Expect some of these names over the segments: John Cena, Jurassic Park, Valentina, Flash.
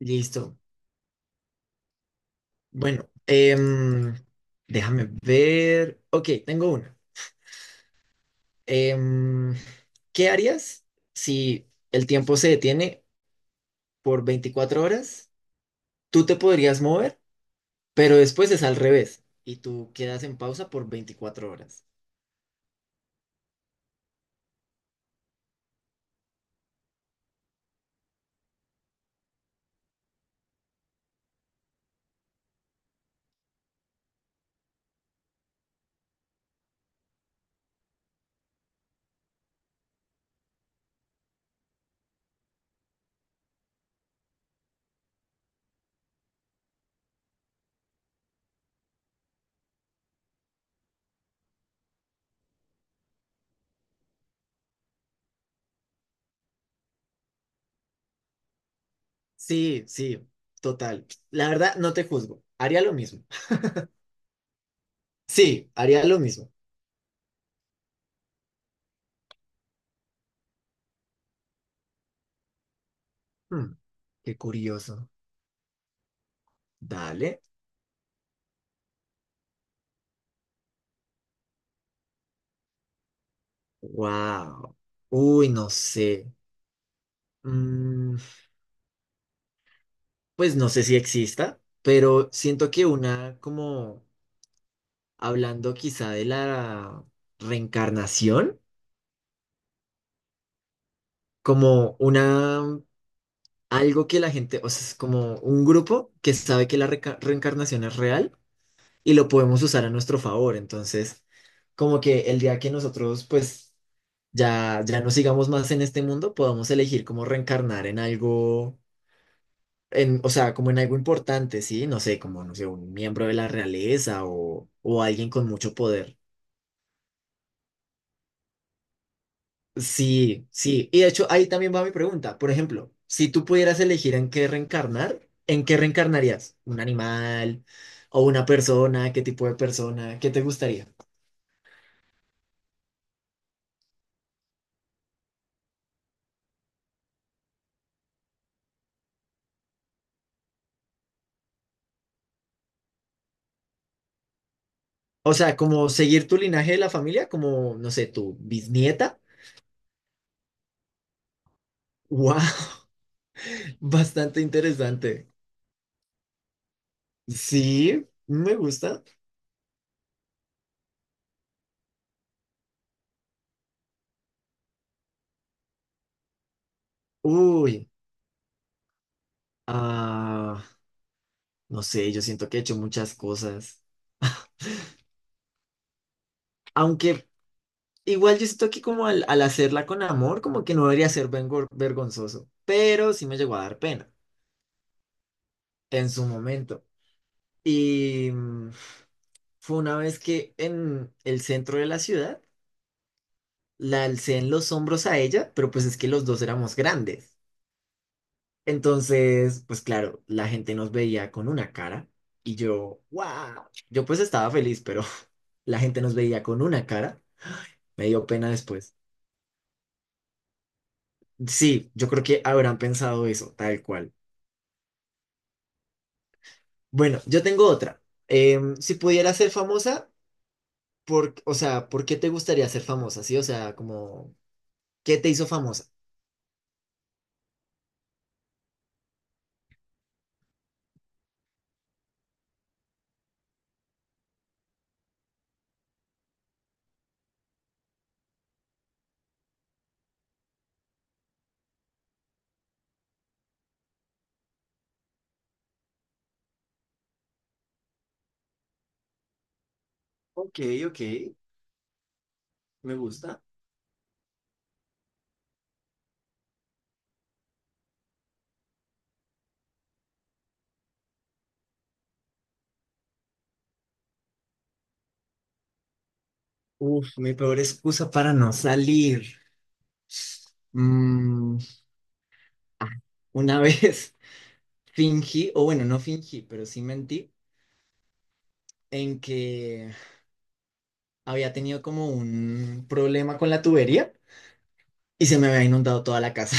Listo. Bueno, déjame ver. Ok, tengo una. Em, ¿Qué harías si el tiempo se detiene por 24 horas? Tú te podrías mover, pero después es al revés y tú quedas en pausa por 24 horas. Sí, sí, total. La verdad, no te juzgo. Haría lo mismo. Sí, haría lo mismo. Hmm, Qué curioso. Dale. Wow. Uy, no sé. Mm, Pues no sé si exista, pero siento que una, como hablando quizá de la reencarnación, como una, algo que la gente, o sea, es como un grupo que sabe que la reencarnación es real y lo podemos usar a nuestro favor. Entonces, como que el día que nosotros, pues, ya, ya no sigamos más en este mundo, podamos elegir cómo reencarnar en algo en, o sea, como en algo importante, ¿sí? No sé, como, no sé, un miembro de la realeza o alguien con mucho poder. Sí, sí. Y de hecho, ahí también va mi pregunta. Por ejemplo, si tú pudieras elegir en qué reencarnar, ¿en qué reencarnarías? ¿Un animal o una persona? ¿Qué tipo de persona? ¿Qué te gustaría? O sea, como seguir tu linaje de la familia, como, no sé, tu bisnieta. ¡Wow! Bastante interesante. Sí, me gusta. Uy, ah. No sé, yo siento que he hecho muchas cosas. Aunque igual yo siento que como al hacerla con amor, como que no debería ser vergonzoso. Pero sí me llegó a dar pena en su momento. Y fue una vez que en el centro de la ciudad la alcé en los hombros a ella, pero pues es que los dos éramos grandes. Entonces, pues claro, la gente nos veía con una cara y yo, wow, yo pues estaba feliz, pero la gente nos veía con una cara. Me dio pena después. Sí, yo creo que habrán pensado eso, tal cual. Bueno, yo tengo otra. Si pudieras ser famosa, por, o sea, ¿por qué te gustaría ser famosa? Sí, o sea, como, ¿qué te hizo famosa? Ok, ok, me gusta. Uf, mi peor excusa para no salir. Mm, ah, una vez fingí, o bueno, no fingí, pero sí mentí, en que había tenido como un problema con la tubería y se me había inundado toda la casa.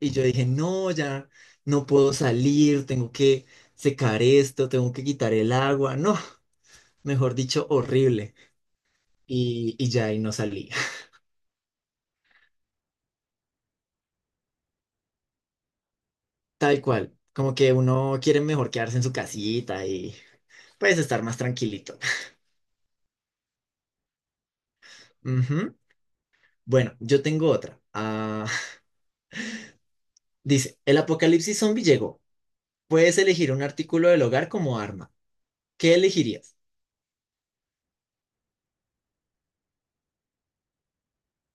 Y yo dije, no, ya no puedo salir, tengo que secar esto, tengo que quitar el agua. No, mejor dicho, horrible. Y ya ahí no salí. Tal cual, como que uno quiere mejor quedarse en su casita y pues estar más tranquilito. Ujú. Bueno, yo tengo otra. Ah, dice, el apocalipsis zombie llegó. Puedes elegir un artículo del hogar como arma. ¿Qué elegirías?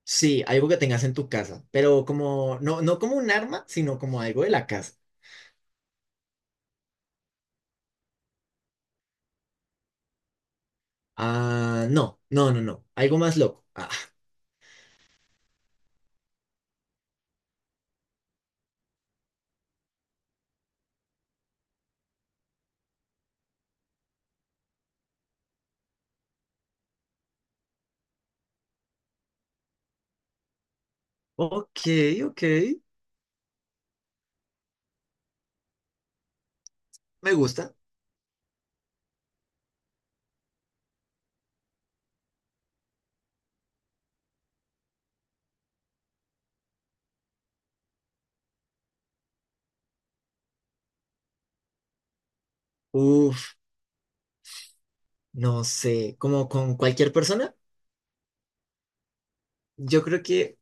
Sí, algo que tengas en tu casa, pero como, no, no como un arma, sino como algo de la casa. Ah, no, no, no, no. Algo más loco. Ah, ok, ok. Me gusta. Uf, no sé, como con cualquier persona, yo creo que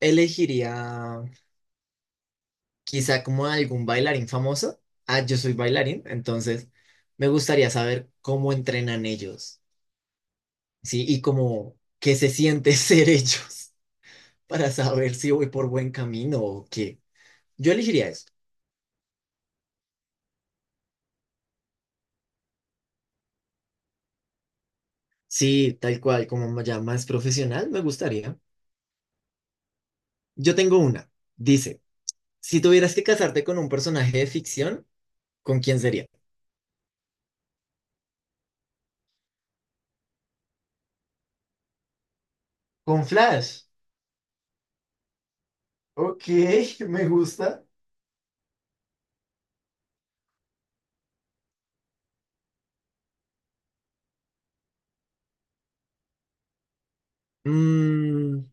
elegiría quizá como algún bailarín famoso. Ah, yo soy bailarín, entonces me gustaría saber cómo entrenan ellos, ¿sí? Y cómo, qué se siente ser ellos para saber si voy por buen camino o qué. Yo elegiría eso. Sí, tal cual, como ya más profesional, me gustaría. Yo tengo una. Dice, si tuvieras que casarte con un personaje de ficción, ¿con quién sería? Con Flash. Ok, me gusta. Mm,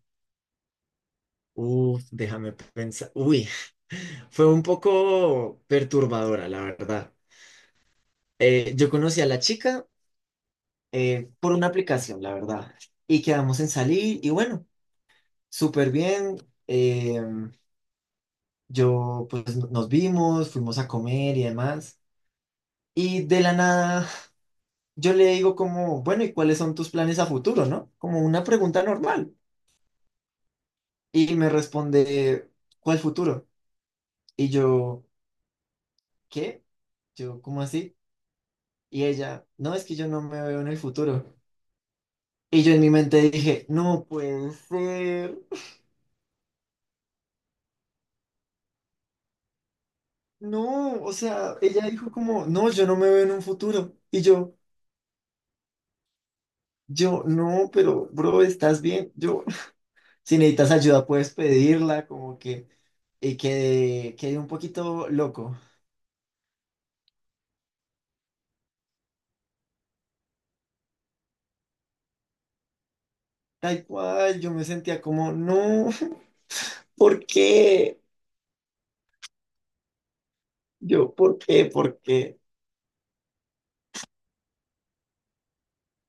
Uf, déjame pensar. Uy, fue un poco perturbadora, la verdad. Yo conocí a la chica por una aplicación, la verdad. Y quedamos en salir y bueno, súper bien. eh, yo, pues nos vimos, fuimos a comer y demás. Y de la nada yo le digo como, bueno, ¿y cuáles son tus planes a futuro, no? Como una pregunta normal. Y me responde, ¿cuál futuro? Y yo, ¿qué? Yo, ¿cómo así? Y ella, no, es que yo no me veo en el futuro. Y yo en mi mente dije, no puede ser. No, o sea, ella dijo como, no, yo no me veo en un futuro. Y yo, no, pero bro, estás bien. Yo, si necesitas ayuda, puedes pedirla, como que, y quedé un poquito loco. Tal cual, yo me sentía como, no, ¿por qué? Yo, ¿por qué? ¿Por qué?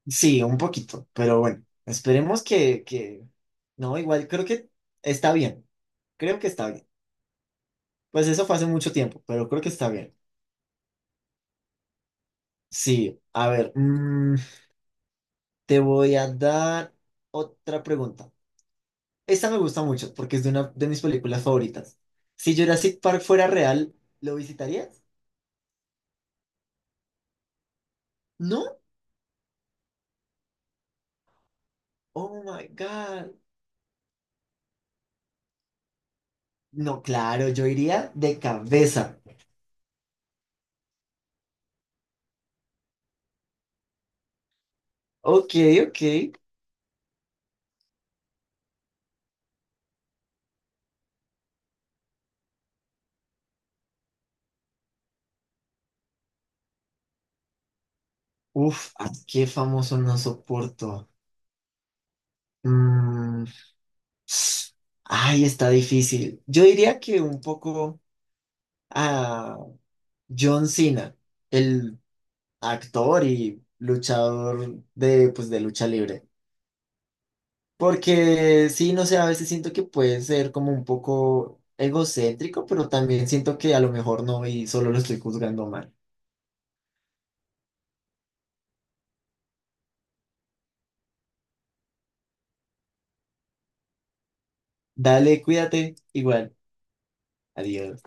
Sí, un poquito, pero bueno, esperemos que, no, igual, creo que está bien, creo que está bien. Pues eso fue hace mucho tiempo, pero creo que está bien. Sí, a ver, mm, te voy a dar otra pregunta. Esta me gusta mucho porque es de una de mis películas favoritas. Si Jurassic Park fuera real, ¿lo visitarías? ¿No? Oh my God. No, claro, yo iría de cabeza. Ok, ok. Uf, ¿a qué famoso no soporto? Mm, Ay, está difícil. Yo diría que un poco a John Cena, el actor y luchador de, pues, de lucha libre. Porque sí, no sé, a veces siento que puede ser como un poco egocéntrico, pero también siento que a lo mejor no y solo lo estoy juzgando mal. Dale, cuídate. Igual, adiós.